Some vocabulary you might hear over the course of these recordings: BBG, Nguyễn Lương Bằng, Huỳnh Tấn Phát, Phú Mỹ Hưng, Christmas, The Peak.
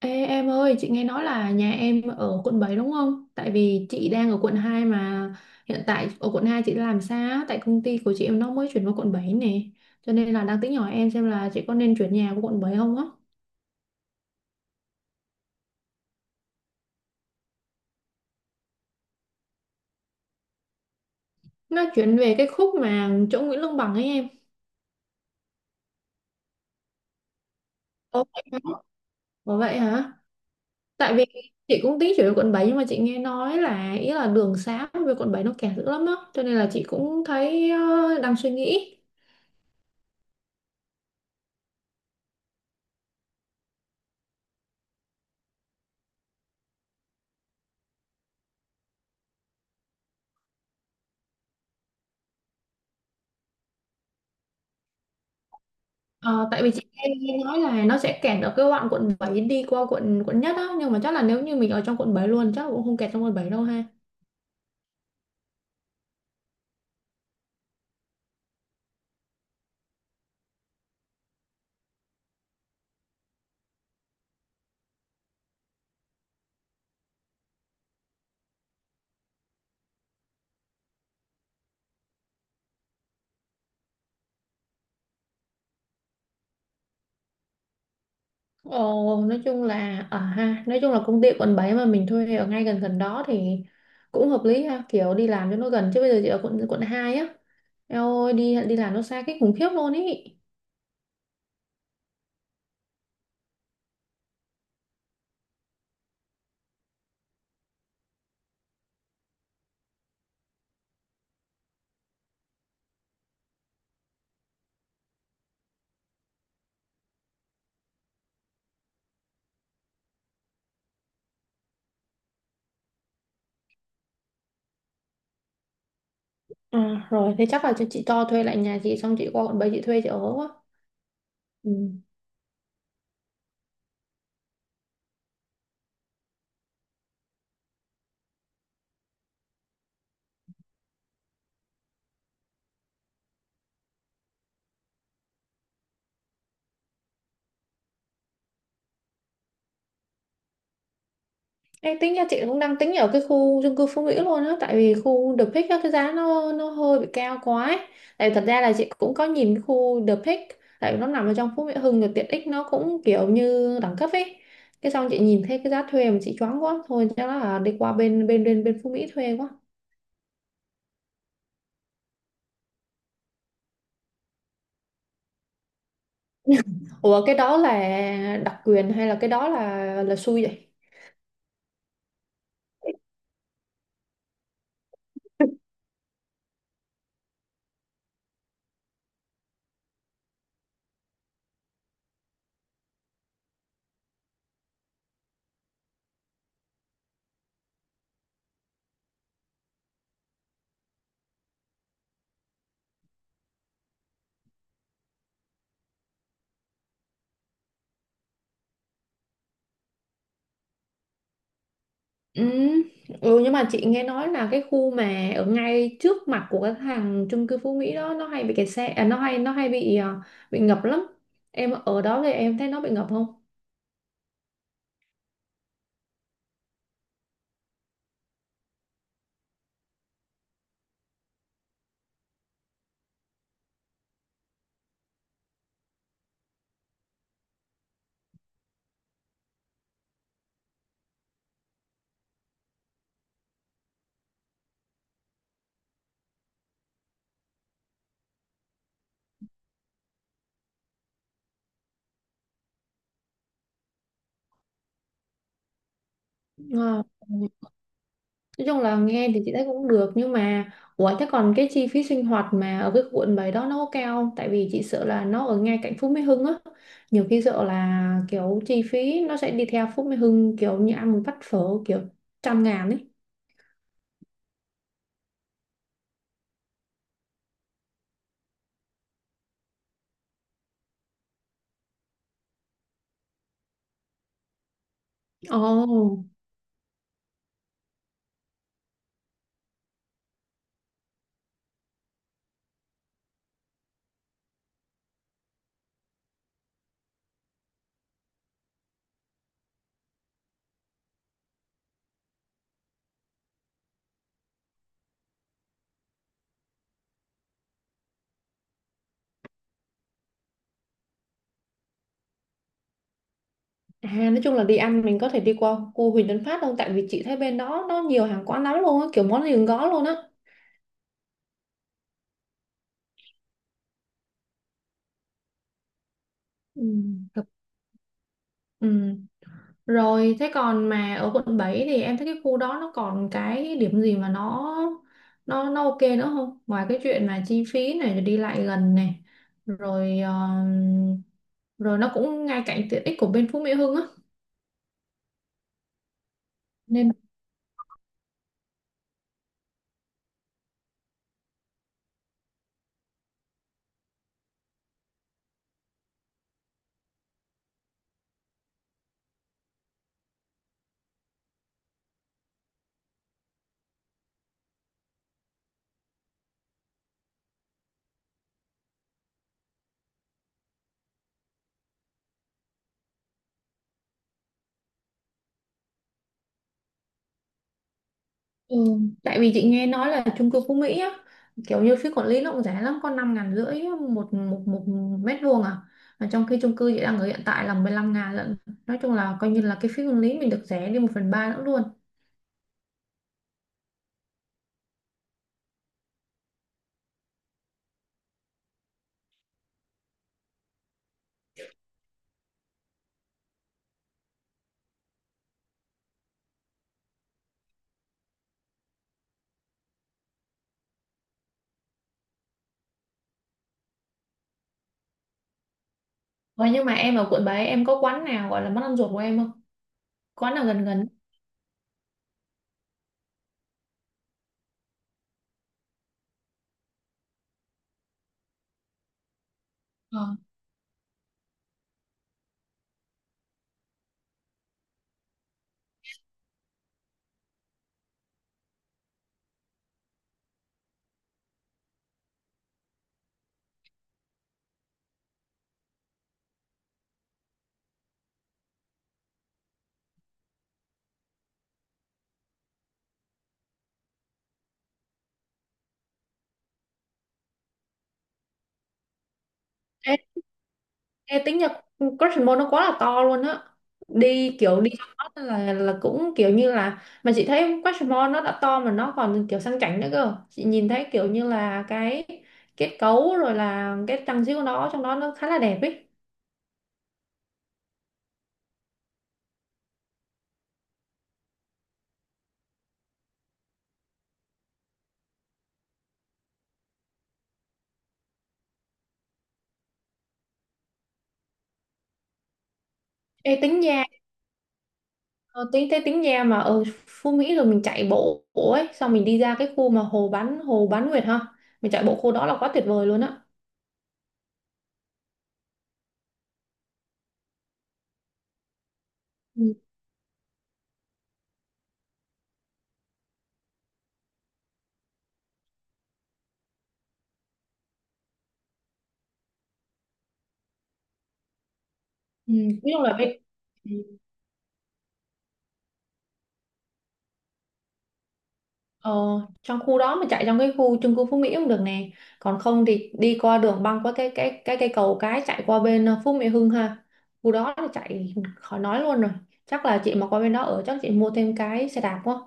Ê, em ơi, chị nghe nói là nhà em ở quận 7 đúng không? Tại vì chị đang ở quận 2 mà hiện tại ở quận 2 chị đang làm sao? Tại công ty của chị em nó mới chuyển vào quận 7 nè. Cho nên là đang tính hỏi em xem là chị có nên chuyển nhà của quận 7 không á. Nó chuyển về cái khúc mà chỗ Nguyễn Lương Bằng ấy em. Ồ vậy hả? Ủa vậy hả? Tại vì chị cũng tính chuyển về quận 7 nhưng mà chị nghe nói là ý là đường xá về quận 7 nó kẹt dữ lắm á. Cho nên là chị cũng thấy đang suy nghĩ. Ờ, tại vì chị nghe nói là nó sẽ kẹt ở cái đoạn quận 7 đi qua quận quận nhất á, nhưng mà chắc là nếu như mình ở trong quận 7 luôn chắc cũng không kẹt trong quận bảy đâu ha. Ồ, nói chung là ở ha, nói chung là công ty quận 7 mà mình thuê ở ngay gần gần đó thì cũng hợp lý ha, kiểu đi làm cho nó gần, chứ bây giờ chị ở quận quận 2 á. Eo ơi, đi đi làm nó xa cái khủng khiếp luôn ý. À, rồi thế chắc là chị cho thuê lại nhà chị xong chị qua quận 7 chị thuê chị ở quá. Ừ. Ê, tính ra chị cũng đang tính ở cái khu chung cư Phú Mỹ luôn á, tại vì khu The Peak á, cái giá nó hơi bị cao quá ấy. Tại vì thật ra là chị cũng có nhìn cái khu The Peak, tại vì nó nằm ở trong Phú Mỹ Hưng rồi tiện ích nó cũng kiểu như đẳng cấp ấy, cái xong chị nhìn thấy cái giá thuê mà chị choáng quá, thôi chắc là đi qua bên bên bên bên Phú Mỹ thuê quá. Ủa cái đó là đặc quyền hay là cái đó là xui vậy? Ừ. Ừ, nhưng mà chị nghe nói là cái khu mà ở ngay trước mặt của cái hàng chung cư Phú Mỹ đó nó hay bị kẹt xe à, nó hay bị à, bị ngập lắm. Em ở đó thì em thấy nó bị ngập không? Ờ, nói chung là nghe thì chị thấy cũng được, nhưng mà ủa thế còn cái chi phí sinh hoạt mà ở cái quận 7 đó nó có cao không, tại vì chị sợ là nó ở ngay cạnh Phú Mỹ Hưng á, nhiều khi sợ là kiểu chi phí nó sẽ đi theo Phú Mỹ Hưng, kiểu như ăn một bát phở kiểu trăm ngàn ấy. Ồ. À, nói chung là đi ăn mình có thể đi qua khu Huỳnh Tấn Phát đâu. Tại vì chị thấy bên đó nó nhiều hàng quán lắm luôn á, kiểu món gì cũng có luôn á. Ừ, hợp- Ừ. Rồi thế còn mà ở quận 7 thì em thấy cái khu đó nó còn cái điểm gì mà nó ok nữa không? Ngoài cái chuyện mà chi phí này rồi đi lại gần này, rồi rồi nó cũng ngay cạnh tiện ích của bên Phú Mỹ Hưng á. Nên ừ, tại vì chị nghe nói là chung cư Phú Mỹ á, kiểu như phí quản lý nó cũng rẻ lắm, có 5.500 một mét vuông à. Mà trong khi chung cư chị đang ở hiện tại là 15.000 lận. Nói chung là coi như là cái phí quản lý mình được rẻ đi một phần 3 nữa luôn. Vậy nhưng mà em ở quận 7 em có quán nào gọi là món ăn ruột của em không? Quán nào gần gần? Ờ. Ê, tính nhật, Christmas nó quá là to luôn á, đi kiểu đi cho nó là cũng kiểu như là, mà chị thấy Christmas nó đã to mà nó còn kiểu sang chảnh nữa cơ, chị nhìn thấy kiểu như là cái kết cấu rồi là cái trang trí của nó trong đó nó khá là đẹp ấy. Ê, tính nha, ờ, tính thế tính nha, mà ở Phú Mỹ rồi mình chạy bộ ấy, xong mình đi ra cái khu mà hồ bán nguyệt ha, mình chạy bộ khu đó là quá tuyệt vời luôn á. Ừ. Ừ. Nói chung là bên ờ, trong khu đó mà chạy trong cái khu chung cư Phú Mỹ cũng được nè, còn không thì đi qua đường băng qua cái cây cầu cái chạy qua bên Phú Mỹ Hưng ha, khu đó là chạy khỏi nói luôn rồi. Chắc là chị mà qua bên đó ở chắc chị mua thêm cái xe đạp quá,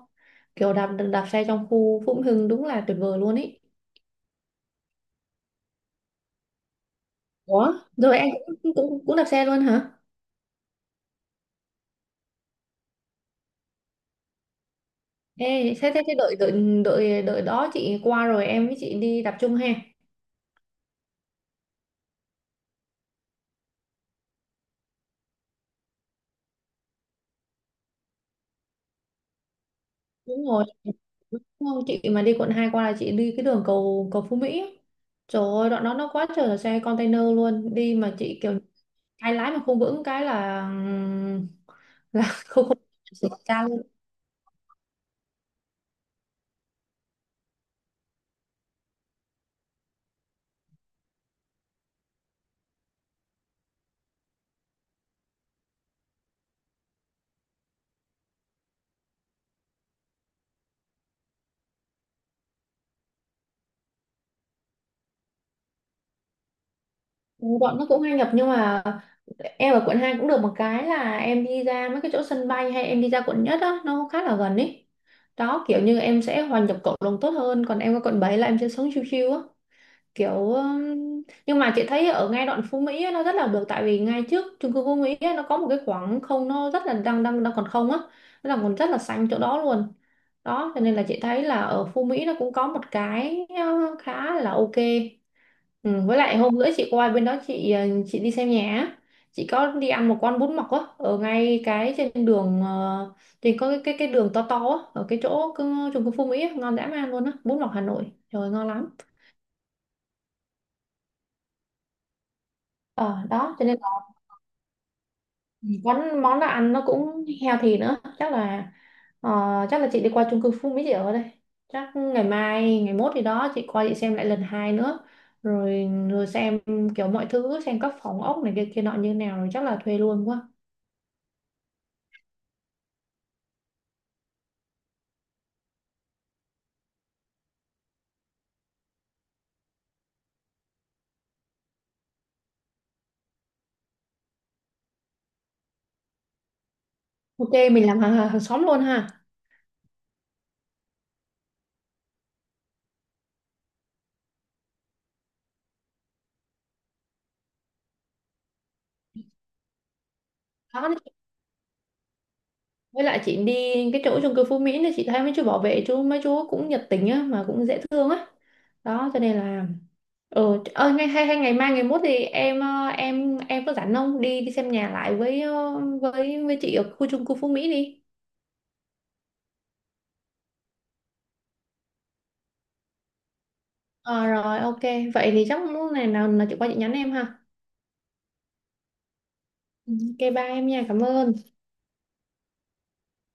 kiểu đạp đạp xe trong khu Phú Mỹ Hưng đúng là tuyệt vời luôn ý. Ủa? Rồi em cũng cũng cũng đạp xe luôn hả? Ê thế thế, thế đợi đợi đợi đợi đó chị qua rồi em với chị đi đạp chung ha. Đúng rồi. Đúng không? Chị mà đi quận 2 qua là chị đi cái đường cầu cầu Phú Mỹ ấy. Trời ơi đoạn đó nó quá trời là xe container luôn, đi mà chị kiểu cái lái mà không vững cái là không không xảy ra luôn. Ừ, bọn nó cũng hay nhập nhưng mà em ở quận 2 cũng được một cái là em đi ra mấy cái chỗ sân bay hay em đi ra quận nhất á nó khá là gần ý. Đó kiểu như em sẽ hòa nhập cộng đồng tốt hơn, còn em ở quận 7 là em sẽ sống chill chill á, kiểu nhưng mà chị thấy ở ngay đoạn Phú Mỹ á, nó rất là được, tại vì ngay trước chung cư Phú Mỹ á, nó có một cái khoảng không nó rất là đang đang đang còn không á, nó là còn rất là xanh chỗ đó luôn. Đó cho nên là chị thấy là ở Phú Mỹ nó cũng có một cái khá là ok. Ừ, với lại hôm bữa chị qua bên đó chị đi xem nhà á. Chị có đi ăn một con bún mọc á ở ngay cái trên đường trên có cái đường to to á ở cái chỗ chung cư Phú Mỹ á, ngon dã man luôn á, bún mọc Hà Nội trời ơi, ngon lắm. Ờ đó cho nên món món nó ăn nó cũng healthy nữa, chắc là ờ, chắc là chị đi qua chung cư Phú Mỹ chị ở đây, chắc ngày mai ngày mốt gì đó chị qua chị xem lại lần hai nữa, rồi rồi xem kiểu mọi thứ, xem các phòng ốc này kia kia nọ như nào, rồi chắc là thuê luôn quá. Ok mình làm hàng hàng xóm luôn ha. Đó với lại chị đi cái chỗ chung cư Phú Mỹ thì chị thấy mấy chú bảo vệ mấy chú cũng nhiệt tình á mà cũng dễ thương á. Đó cho nên là ừ, ơi ngay hay hay ngày mai ngày mốt thì em em có rảnh không đi đi xem nhà lại với với chị ở khu chung cư Phú Mỹ đi. Ờ rồi ok, vậy thì chắc lúc này nào là chị qua chị nhắn em ha. Ừ, ok bye em nha, cảm ơn.